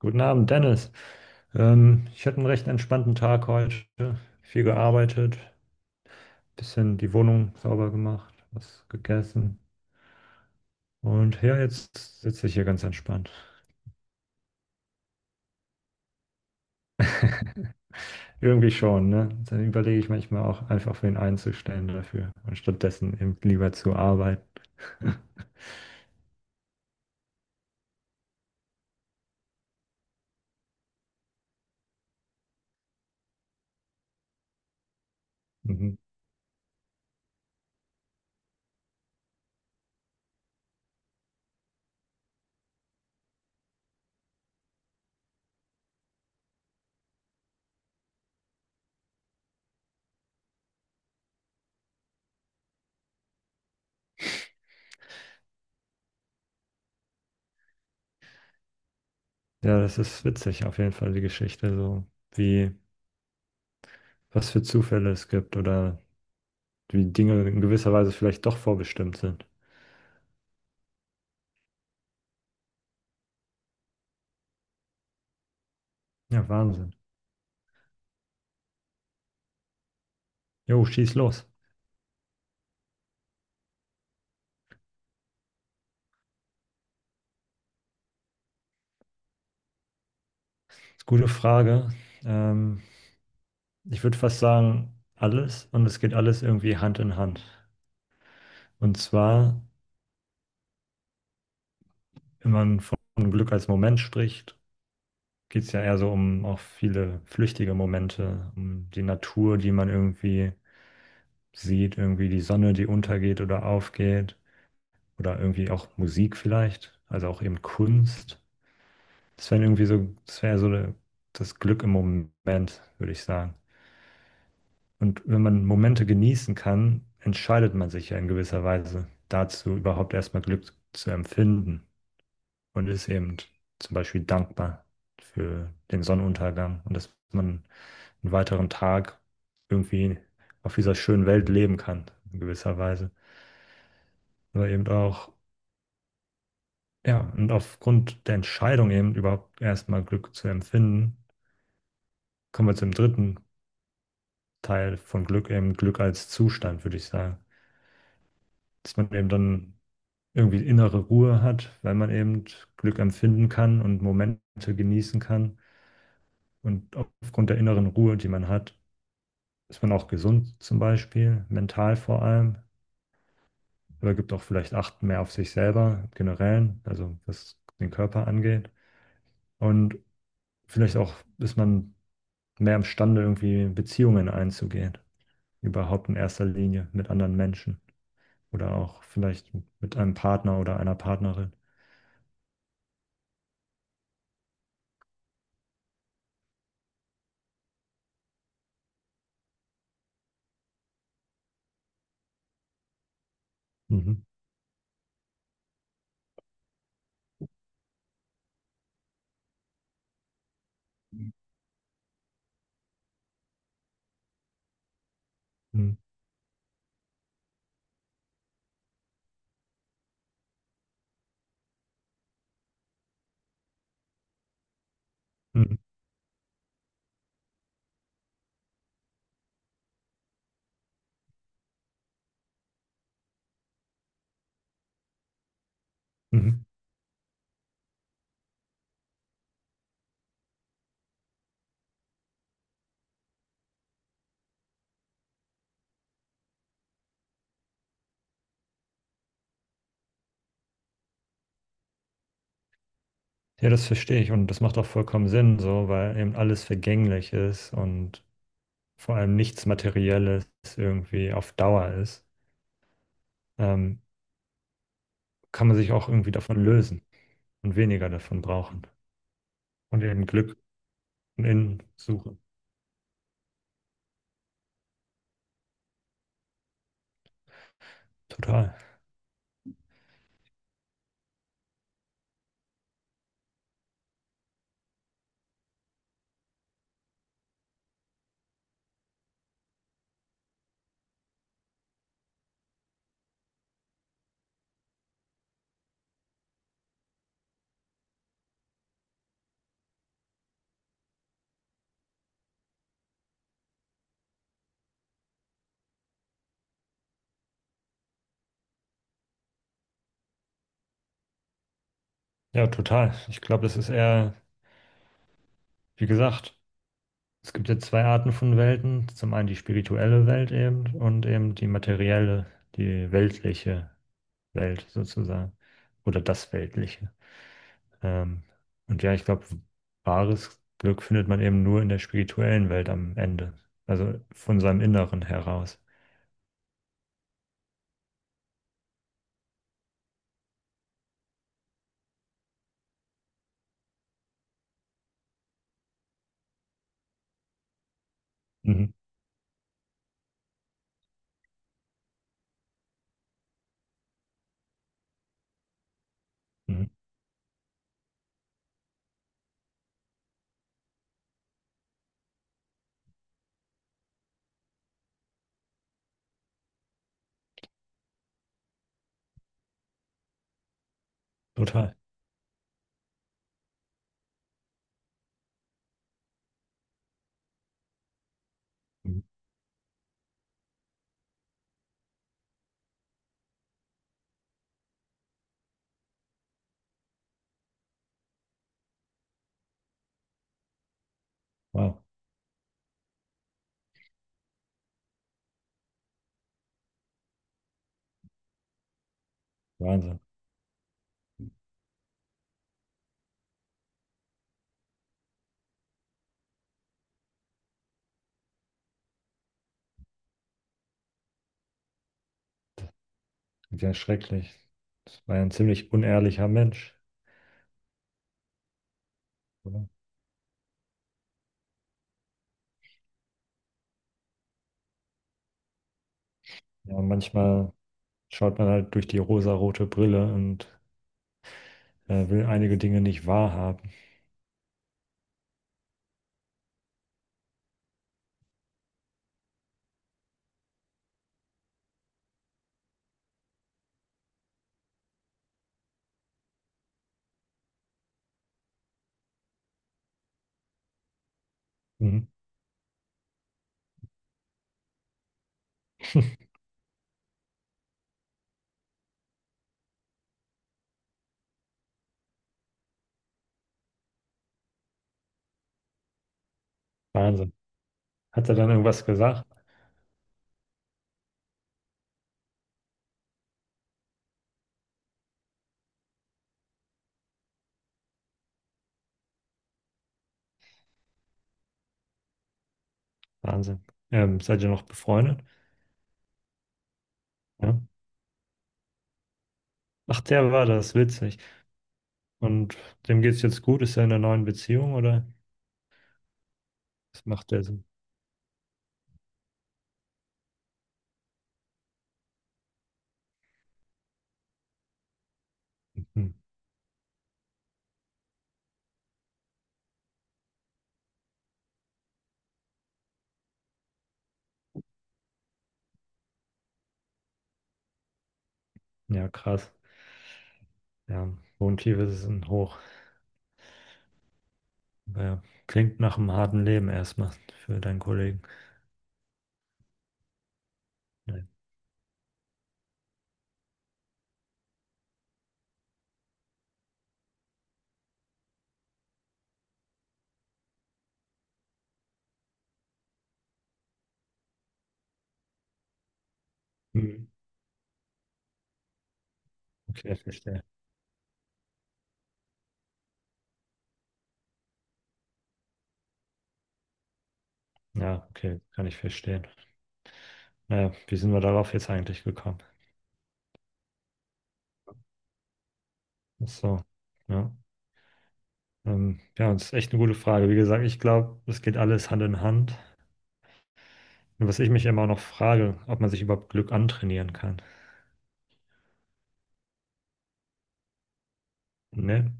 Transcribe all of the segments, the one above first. Guten Abend, Dennis. Ich hatte einen recht entspannten Tag heute. Viel gearbeitet, bisschen die Wohnung sauber gemacht, was gegessen. Und ja, jetzt sitze ich hier ganz entspannt. Irgendwie schon, ne? Dann überlege ich manchmal auch einfach, wen einzustellen dafür und stattdessen eben lieber zu arbeiten. Mhm. Ja, das ist witzig, auf jeden Fall die Geschichte, so wie, was für Zufälle es gibt oder wie Dinge in gewisser Weise vielleicht doch vorbestimmt sind. Ja, Wahnsinn. Jo, schieß los. Ist gute Frage. Ähm, Ich würde fast sagen, alles und es geht alles irgendwie Hand in Hand. Und zwar, wenn man von Glück als Moment spricht, geht es ja eher so um auch viele flüchtige Momente, um die Natur, die man irgendwie sieht, irgendwie die Sonne, die untergeht oder aufgeht oder irgendwie auch Musik vielleicht, also auch eben Kunst. Das wäre irgendwie so, das wäre so das Glück im Moment, würde ich sagen. Und wenn man Momente genießen kann, entscheidet man sich ja in gewisser Weise dazu, überhaupt erstmal Glück zu empfinden und ist eben zum Beispiel dankbar für den Sonnenuntergang und dass man einen weiteren Tag irgendwie auf dieser schönen Welt leben kann, in gewisser Weise. Aber eben auch, ja, und aufgrund der Entscheidung eben überhaupt erstmal Glück zu empfinden, kommen wir zum dritten Teil von Glück, eben Glück als Zustand, würde ich sagen. Dass man eben dann irgendwie innere Ruhe hat, weil man eben Glück empfinden kann und Momente genießen kann. Und aufgrund der inneren Ruhe, die man hat, ist man auch gesund zum Beispiel, mental vor allem, aber gibt auch vielleicht Acht mehr auf sich selber generell, also was den Körper angeht. Und vielleicht auch ist man mehr imstande, irgendwie Beziehungen einzugehen, überhaupt in erster Linie mit anderen Menschen oder auch vielleicht mit einem Partner oder einer Partnerin. Mhm. Mhm. Mhm. Mhm. Ja, das verstehe ich und das macht auch vollkommen Sinn, so, weil eben alles vergänglich ist und vor allem nichts Materielles irgendwie auf Dauer ist, ähm, kann man sich auch irgendwie davon lösen und weniger davon brauchen und eben Glück von innen suchen. Total. Ja, total. Ich glaube, das ist eher, wie gesagt, es gibt ja zwei Arten von Welten. Zum einen die spirituelle Welt eben und eben die materielle, die weltliche Welt sozusagen oder das Weltliche. Ähm, und ja, ich glaube, wahres Glück findet man eben nur in der spirituellen Welt am Ende. Also von seinem Inneren heraus. Mhm. Mhm. Total. Mhm. Wow. Wahnsinn. Ja, schrecklich. Das war ja ein ziemlich unehrlicher Mensch. Oder? Ja, manchmal schaut man halt durch die rosarote Brille und will einige Dinge nicht wahrhaben. Mhm. Wahnsinn. Hat er dann irgendwas gesagt? Wahnsinn. Seid ihr noch befreundet? Ja. Ach, der war das, witzig. Und dem geht's jetzt gut? Ist er in einer neuen Beziehung oder was macht der so? Hm. Ja, krass. Ja, Wohntiefe sind hoch. Ja, klingt nach einem harten Leben erstmal für deinen Kollegen. Ja. Hm. Okay, verstehe. Ja, okay, kann ich verstehen. Naja, wie sind wir darauf jetzt eigentlich gekommen? Ach so, ja. Ja, das ist echt eine gute Frage. Wie gesagt, ich glaube, es geht alles Hand in Hand. Und was ich mich immer noch frage, ob man sich überhaupt Glück antrainieren kann. Ne?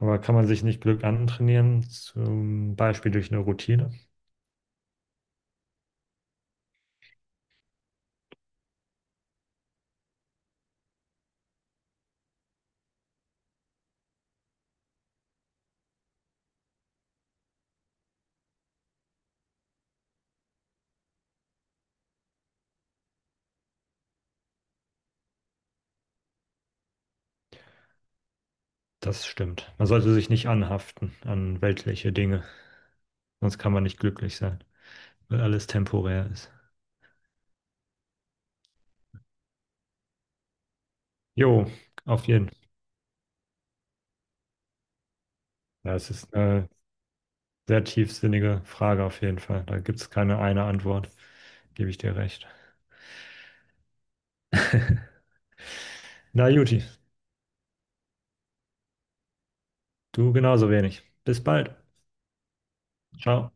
Aber kann man sich nicht Glück antrainieren, zum Beispiel durch eine Routine? Das stimmt. Man sollte sich nicht anhaften an weltliche Dinge, sonst kann man nicht glücklich sein, weil alles temporär ist. Jo, auf jeden Fall. Ja, es ist eine sehr tiefsinnige Frage auf jeden Fall. Da gibt es keine eine Antwort, gebe ich dir recht. Na, Juti, du genauso wenig. Bis bald. Ciao.